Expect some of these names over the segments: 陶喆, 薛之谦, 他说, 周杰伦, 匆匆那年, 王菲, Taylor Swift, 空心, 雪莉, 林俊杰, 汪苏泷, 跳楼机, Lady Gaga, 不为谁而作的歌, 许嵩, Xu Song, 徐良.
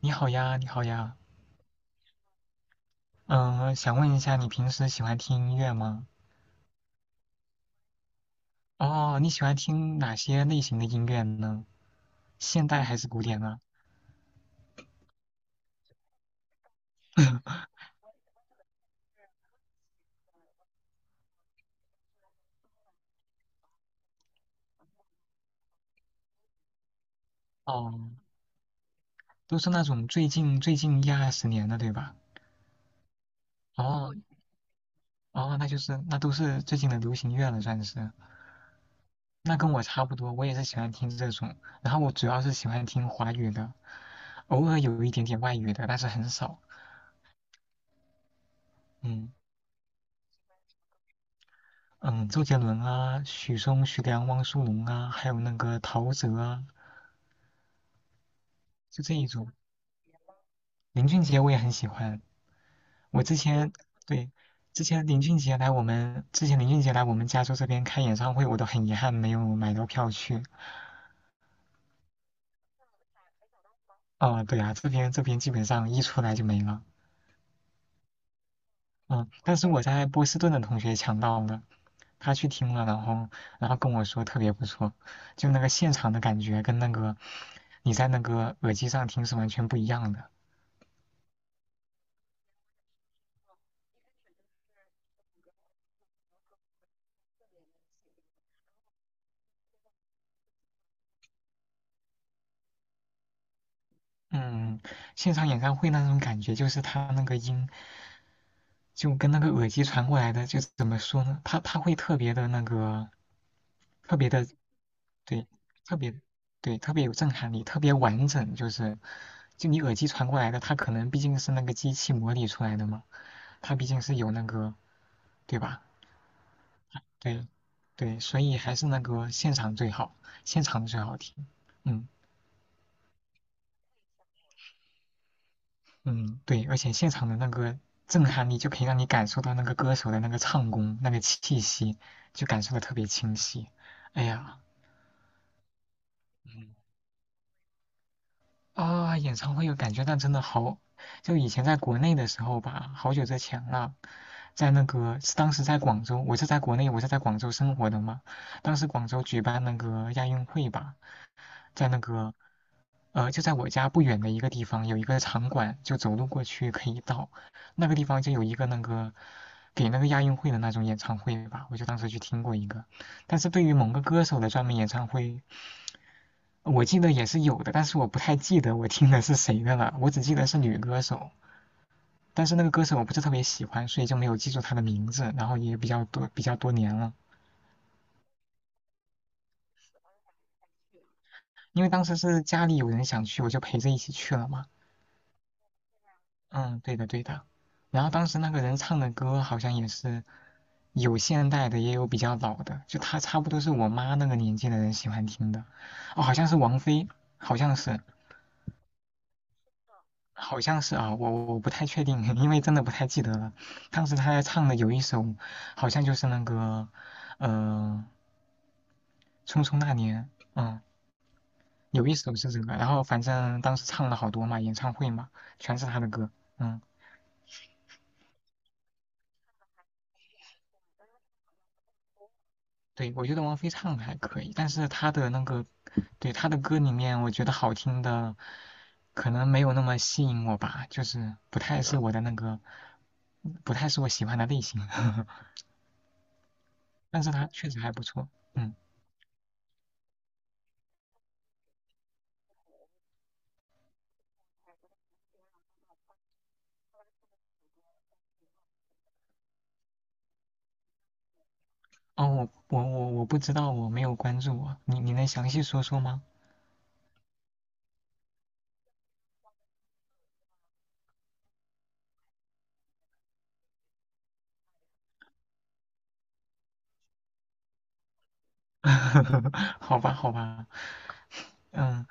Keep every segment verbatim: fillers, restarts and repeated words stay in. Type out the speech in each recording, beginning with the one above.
你好呀，你好呀。嗯，想问一下，你平时喜欢听音乐吗？哦，你喜欢听哪些类型的音乐呢？现代还是古典啊？哦，都是那种最近最近一二十年的，对吧？哦哦，那就是那都是最近的流行乐了，算是。那跟我差不多，我也是喜欢听这种，然后我主要是喜欢听华语的，偶尔有一点点外语的，但是很少。嗯嗯，周杰伦啊，许嵩、徐良、汪苏泷啊，还有那个陶喆啊，就这一种。林俊杰我也很喜欢。我之前对。之前林俊杰来我们之前林俊杰来我们加州这边开演唱会，我都很遗憾没有买到票去。哦，对啊，这边这边基本上一出来就没了。嗯，但是我在波士顿的同学抢到了，他去听了，然后然后跟我说特别不错，就那个现场的感觉跟那个你在那个耳机上听是完全不一样的。嗯，现场演唱会那种感觉就是他那个音。就跟那个耳机传过来的，就怎么说呢？它它会特别的那个，特别的，对。特别，对。特别有震撼力，特别完整。就是就你耳机传过来的，它可能毕竟是那个机器模拟出来的嘛，它毕竟是有那个，对吧？对对，所以还是那个现场最好，现场最好听。嗯。嗯，对，而且现场的那个震撼力就可以让你感受到那个歌手的那个唱功、那个气息，就感受的特别清晰。哎呀，嗯，啊，演唱会有感觉，但真的好，就以前在国内的时候吧，好久之前了，在那个是当时在广州，我是在国内，我是在广州生活的嘛，当时广州举办那个亚运会吧，在那个呃，就在我家不远的一个地方有一个场馆，就走路过去可以到。那个地方就有一个那个给那个亚运会的那种演唱会吧，我就当时去听过一个。但是对于某个歌手的专门演唱会，我记得也是有的，但是我不太记得我听的是谁的了，我只记得是女歌手。但是那个歌手我不是特别喜欢，所以就没有记住她的名字，然后也比较多比较多年了。因为当时是家里有人想去，我就陪着一起去了嘛。嗯，对的对的。然后当时那个人唱的歌好像也是。有现代的，也有比较老的，就他差不多是我妈那个年纪的人喜欢听的。哦，好像是王菲，好像是，好像是啊，我我不太确定，因为真的不太记得了。当时她在唱的有一首，好像就是那个，呃，《匆匆那年》，嗯，有一首是这个，然后反正当时唱了好多嘛，演唱会嘛，全是她的歌，嗯。对，我觉得王菲唱的还可以，但是她的那个，对，她的歌里面，我觉得好听的可能没有那么吸引我吧，就是不太是我的那个，不太是我喜欢的类型。但是她确实还不错，嗯。哦，我我我我不知道，我没有关注我。你你能详细说说吗？好吧，好吧，嗯，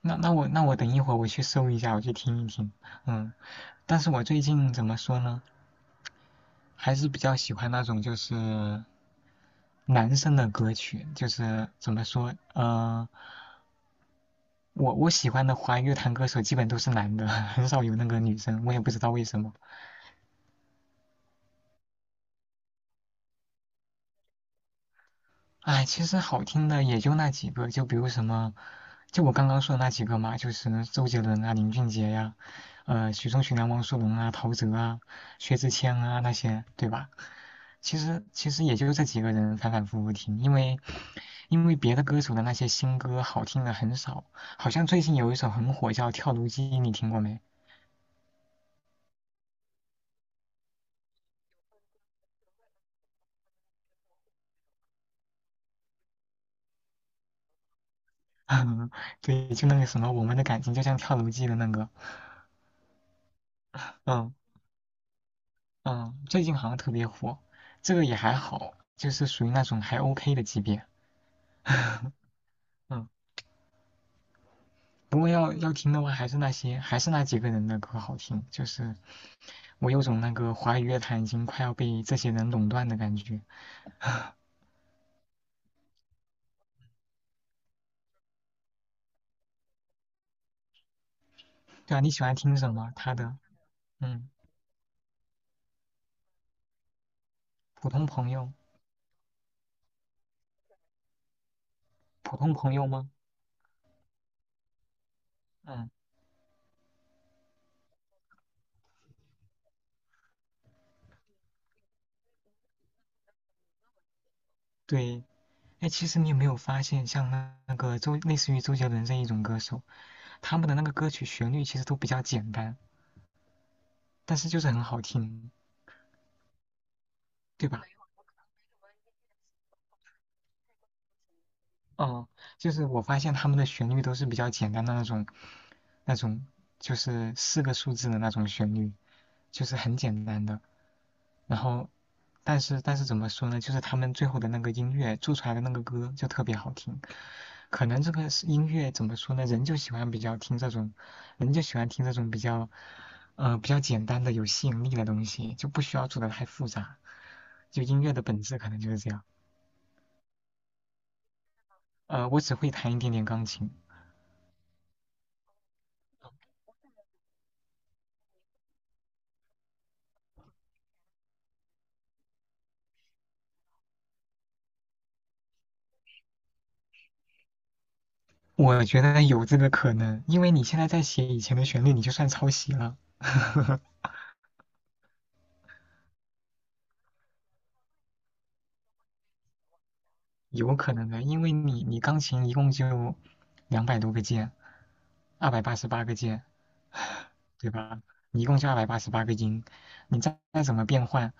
那那我那我等一会儿我去搜一下，我去听一听，嗯。但是我最近怎么说呢，还是比较喜欢那种就是。男生的歌曲，就是怎么说，呃，我我喜欢的华语乐坛歌手基本都是男的，很少有那个女生，我也不知道为什么。哎，其实好听的也就那几个，就比如什么，就我刚刚说的那几个嘛，就是周杰伦啊、林俊杰呀、啊呃，许嵩、徐良、汪苏泷啊、陶喆啊、薛之谦啊那些，对吧？其实其实也就这几个人反反复复听，因为因为别的歌手的那些新歌好听的很少，好像最近有一首很火叫《跳楼机》，你听过没？嗯，对，就那个什么，我们的感情就像跳楼机的那个，嗯嗯，最近好像特别火，这个也还好，就是属于那种还 OK 的级别，嗯，不过要要听的话，还是那些还是那几个人的歌好听，就是我有种那个华语乐坛已经快要被这些人垄断的感觉。对啊，你喜欢听什么？他的，嗯，普通朋友，普通朋友吗？嗯，对，哎，其实你有没有发现，像那那个周类似于周杰伦这一种歌手？他们的那个歌曲旋律其实都比较简单，但是就是很好听，对吧？哦，就是我发现他们的旋律都是比较简单的那种，那种就是四个数字的那种旋律，就是很简单的。然后，但是但是怎么说呢？就是他们最后的那个音乐做出来的那个歌就特别好听。可能这个是音乐怎么说呢？人就喜欢比较听这种，人就喜欢听这种比较，呃，比较简单的有吸引力的东西，就不需要做的太复杂。就音乐的本质可能就是这样。呃，我只会弹一点点钢琴，我觉得有这个可能，因为你现在在写以前的旋律，你就算抄袭了，有可能的，因为你你钢琴一共就两百多个键。二百八十八个键，对吧？你一共就二百八十八个音，你再再怎么变换，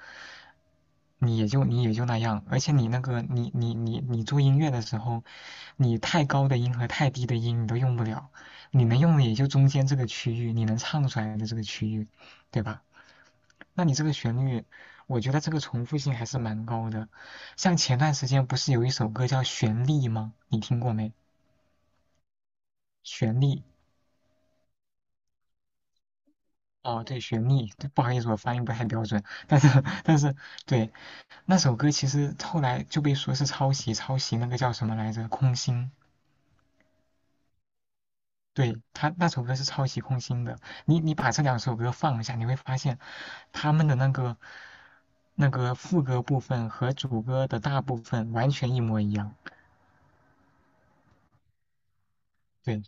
你也就你也就那样。而且你那个你你你你做音乐的时候，你太高的音和太低的音你都用不了，你能用的也就中间这个区域，你能唱出来的这个区域，对吧？那你这个旋律，我觉得这个重复性还是蛮高的。像前段时间不是有一首歌叫《旋律》吗？你听过没？旋律。哦，对，雪莉，对，不好意思，我发音不太标准，但是，但是，对，那首歌其实后来就被说是抄袭，抄袭那个叫什么来着，空心，对，他那首歌是抄袭空心的。你你把这两首歌放一下，你会发现他们的那个那个副歌部分和主歌的大部分完全一模一样。对，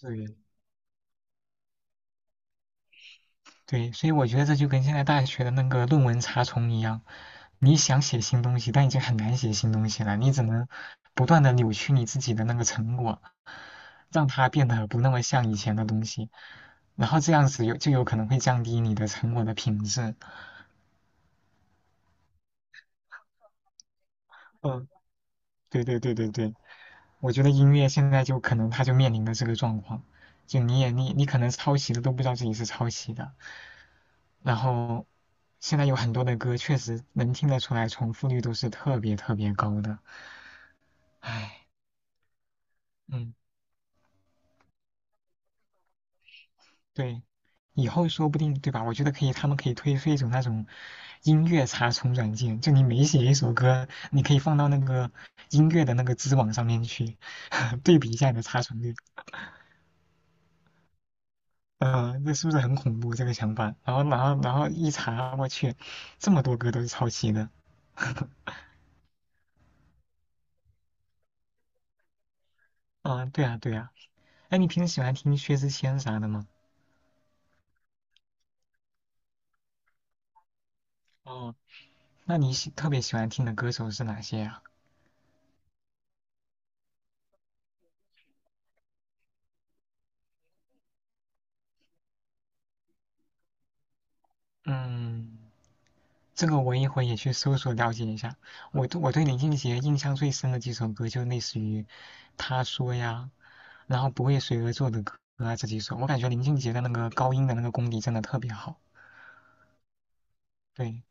对，对，所以我觉得这就跟现在大学的那个论文查重一样，你想写新东西，但已经很难写新东西了。你只能不断的扭曲你自己的那个成果，让它变得不那么像以前的东西，然后这样子有就有可能会降低你的成果的品质。嗯，对对对对对，我觉得音乐现在就可能它就面临的这个状况，就你也你你可能抄袭的都不知道自己是抄袭的，然后现在有很多的歌确实能听得出来重复率都是特别特别高的，唉，嗯。对，以后说不定，对吧？我觉得可以，他们可以推出一种那种音乐查重软件，就你每写一首歌，你可以放到那个音乐的那个知网上面去，对比一下你的查重率。嗯、这是不是很恐怖这个想法？然后，然后，然后一查，我去，这么多歌都是抄袭的。嗯、对啊，对啊。哎，你平时喜欢听薛之谦啥的吗？哦，那你喜特别喜欢听的歌手是哪些呀、嗯。这个我一会也去搜索了解一下。我对我对林俊杰印象最深的几首歌，就类似于《他说》呀，然后《不为谁而作的歌》啊这几首。我感觉林俊杰的那个高音的那个功底真的特别好。对，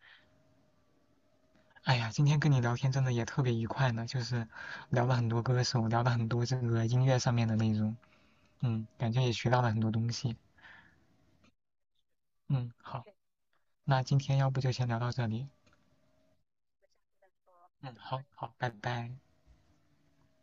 哎呀，今天跟你聊天真的也特别愉快呢，就是聊了很多歌手，聊了很多这个音乐上面的内容。嗯，感觉也学到了很多东西。嗯，好，那今天要不就先聊到这里。嗯，好好，拜拜。